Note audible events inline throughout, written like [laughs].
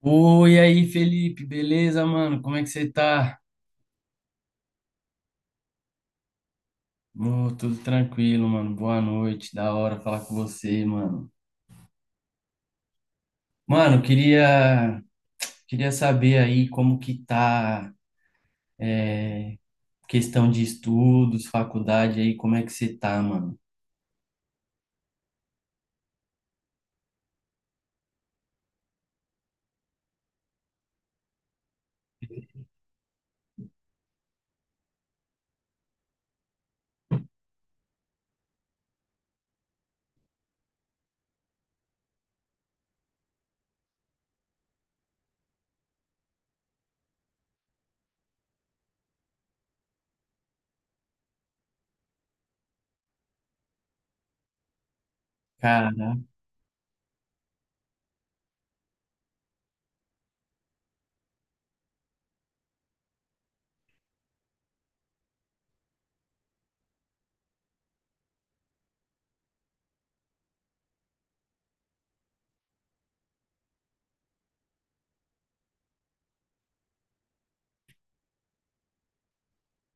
Oi, aí, Felipe, beleza, mano? Como é que você tá? Ô, tudo tranquilo, mano. Boa noite, da hora falar com você, mano. Mano, eu queria saber aí como que tá, é, questão de estudos, faculdade aí, como é que você tá, mano? Cara,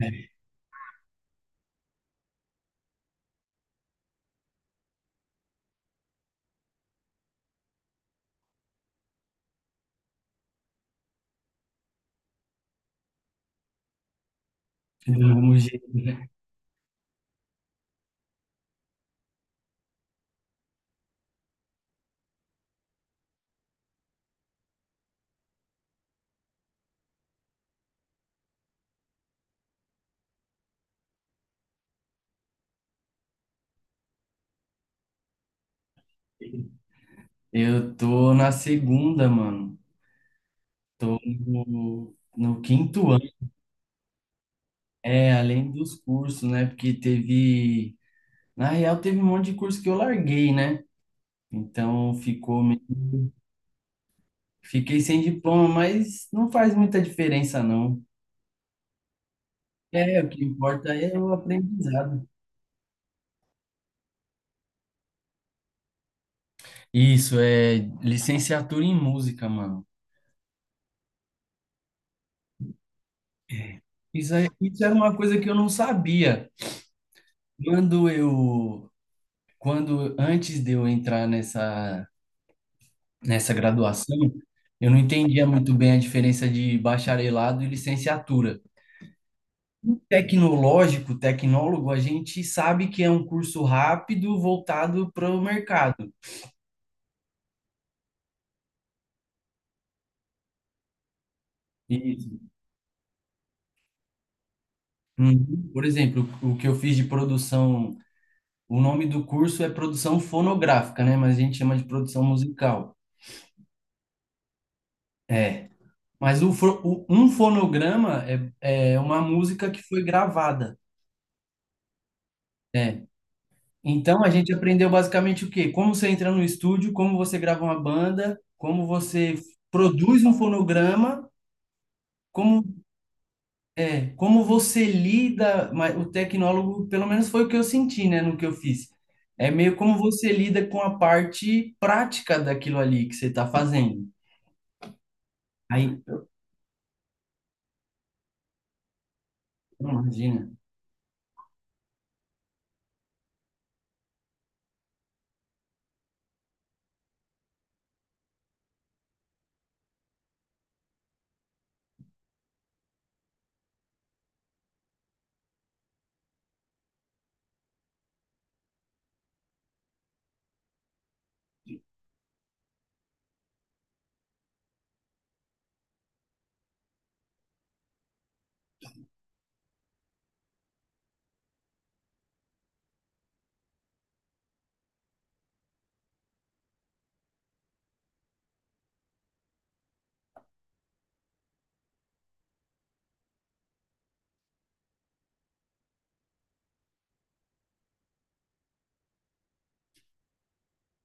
[laughs] do mesmo jeito, né? Eu tô na segunda, mano. Tô no quinto ano. É, além dos cursos, né? Porque teve. Na real, teve um monte de curso que eu larguei, né? Então fiquei sem diploma, mas não faz muita diferença, não. É, o que importa é o aprendizado. Isso é licenciatura em música, mano. Isso é, isso era uma coisa que eu não sabia. Quando eu, Quando antes de eu entrar nessa graduação, eu não entendia muito bem a diferença de bacharelado e licenciatura. O Tecnológico, tecnólogo, a gente sabe que é um curso rápido voltado para o mercado. Isso. Uhum. Por exemplo, o que eu fiz de produção, o nome do curso é produção fonográfica, né? Mas a gente chama de produção musical. É. Um fonograma é uma música que foi gravada. É. Então a gente aprendeu basicamente o quê? Como você entra no estúdio, como você grava uma banda, como você produz um fonograma, como... É, como você lida, mas o tecnólogo, pelo menos foi o que eu senti, né, no que eu fiz. É meio como você lida com a parte prática daquilo ali que você está fazendo. Aí, imagina,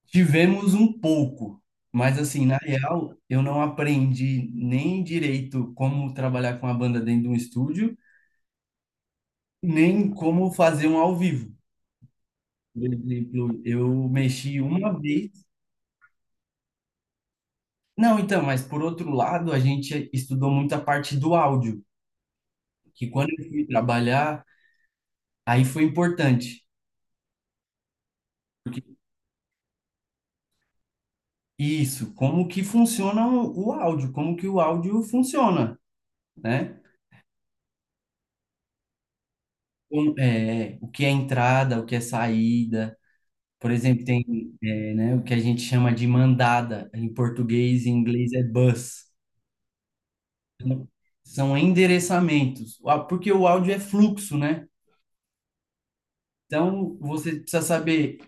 tivemos um pouco, mas assim, na real, eu não aprendi nem direito como trabalhar com a banda dentro de um estúdio, nem como fazer um ao vivo. Por exemplo, eu mexi uma vez. Não, então, mas por outro lado, a gente estudou muito a parte do áudio, que quando eu fui trabalhar, aí foi importante. Porque isso, como que funciona o áudio, como que o áudio funciona, né? O que é entrada, o que é saída. Por exemplo, tem, o que a gente chama de mandada, em português e em inglês é bus. Então, são endereçamentos. Ah, porque o áudio é fluxo, né? Então, você precisa saber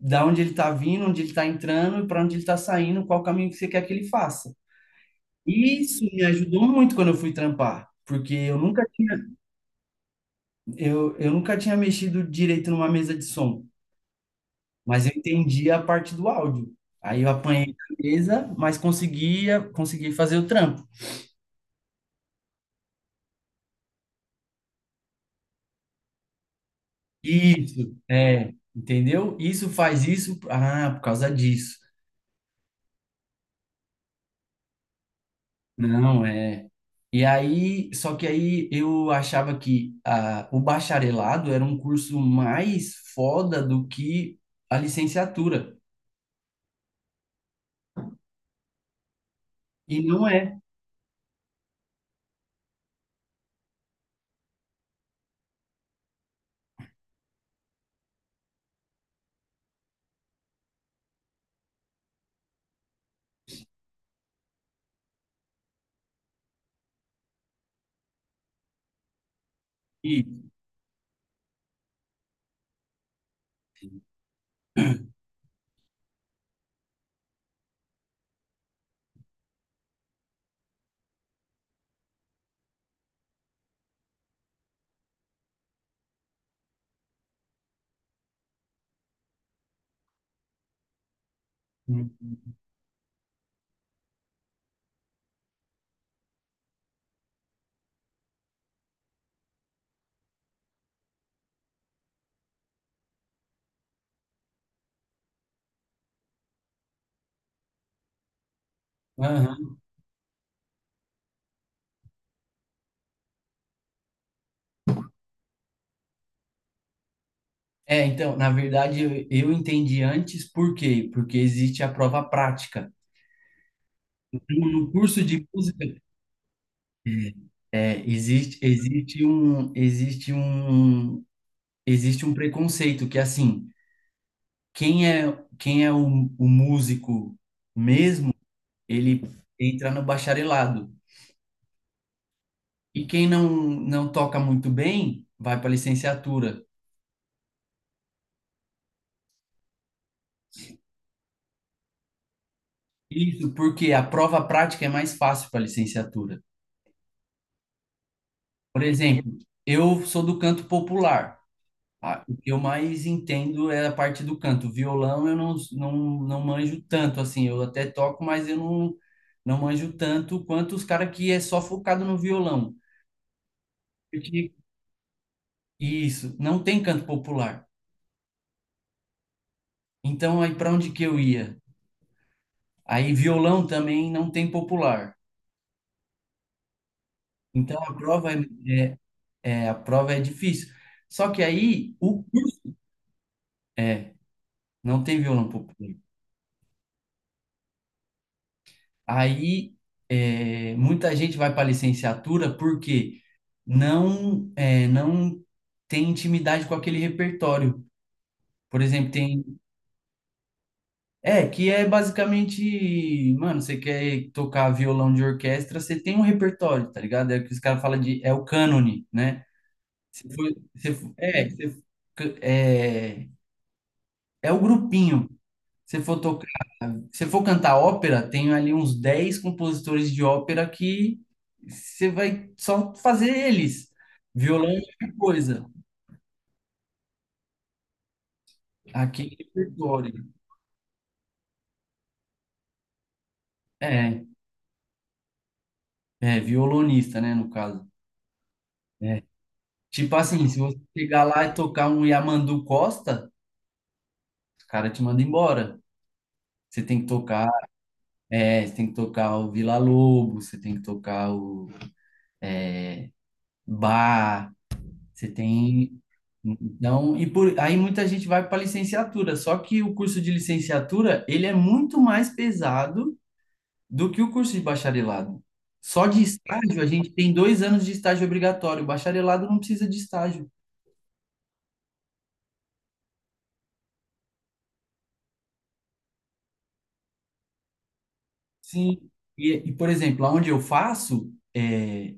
da onde ele está vindo, onde ele está entrando e para onde ele está saindo, qual caminho que você quer que ele faça. Isso me ajudou muito quando eu fui trampar, porque eu nunca tinha mexido direito numa mesa de som, mas eu entendi a parte do áudio. Aí eu apanhei a mesa, mas consegui fazer o trampo. Isso, é, entendeu? Isso faz isso, ah, por causa disso. Não, é. E aí, só que aí eu achava que ah, o bacharelado era um curso mais foda do que a licenciatura. E não é. Uhum. Aham. É, então, na verdade, eu entendi antes por quê? Porque existe a prova prática. No curso de música, é, é, existe, existe um, existe um, existe um preconceito que, assim, quem é, quem é o músico mesmo, ele entra no bacharelado. E quem não, não toca muito bem, vai para a licenciatura. Isso porque a prova prática é mais fácil para a licenciatura. Por exemplo, eu sou do canto popular. Ah, o que eu mais entendo é a parte do canto. Violão eu não manjo tanto, assim. Eu até toco, mas eu não manjo tanto quanto os caras que é só focado no violão. Porque isso, não tem canto popular. Então, aí para onde que eu ia? Aí violão também não tem popular. Então, a prova é difícil. Só que aí, o, curso... É, não tem violão popular. Aí é, muita gente vai para a licenciatura porque não tem intimidade com aquele repertório. Por exemplo, tem. É, que é basicamente, mano, você quer tocar violão de orquestra, você tem um repertório, tá ligado? É o que os caras falam de. É o cânone, né? Se for, se for- é, se, é, é o grupinho. Se for Se for cantar ópera, tem ali uns 10 compositores de ópera que você vai só fazer eles. Violão é outra coisa. Aquele repertório. É, é, violonista, né, no caso. É. Tipo assim, se você chegar lá e tocar um Yamandu Costa, os caras te mandam embora. Você tem que tocar, você tem que tocar o Vila Lobos, você tem que tocar o Bar, você tem... Então, e por, aí muita gente vai para licenciatura, só que o curso de licenciatura, ele é muito mais pesado do que o curso de bacharelado. Só de estágio, a gente tem 2 anos de estágio obrigatório, o bacharelado não precisa de estágio. Sim. Por exemplo, aonde eu faço, é,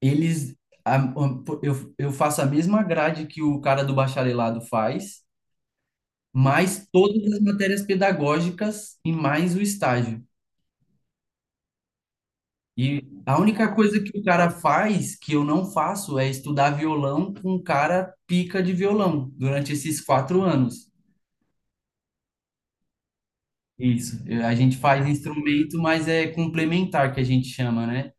eles, a- a- eu faço a mesma grade que o cara do bacharelado faz, mais todas as matérias pedagógicas e mais o estágio. E a única coisa que o cara faz, que eu não faço, é estudar violão com um cara pica de violão durante esses 4 anos. Isso. Eu... A gente faz instrumento, mas é complementar, que a gente chama, né?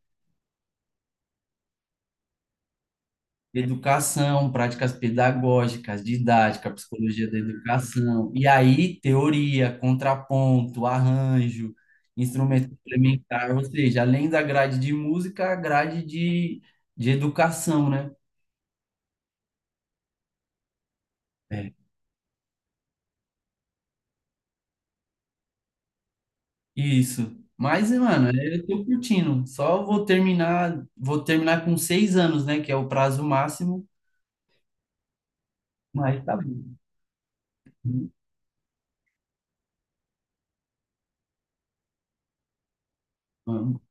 Educação, práticas pedagógicas, didática, psicologia da educação. E aí, teoria, contraponto, arranjo, instrumento complementar, ou seja, além da grade de música, a grade de educação, né? Isso. Mas, mano, eu tô curtindo. Só vou vou terminar com 6 anos, né? Que é o prazo máximo. Mas tá bom. Vamos.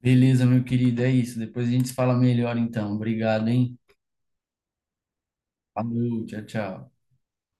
Beleza, meu querido, é isso. Depois a gente se fala melhor, então. Obrigado, hein? Falou, tchau, tchau.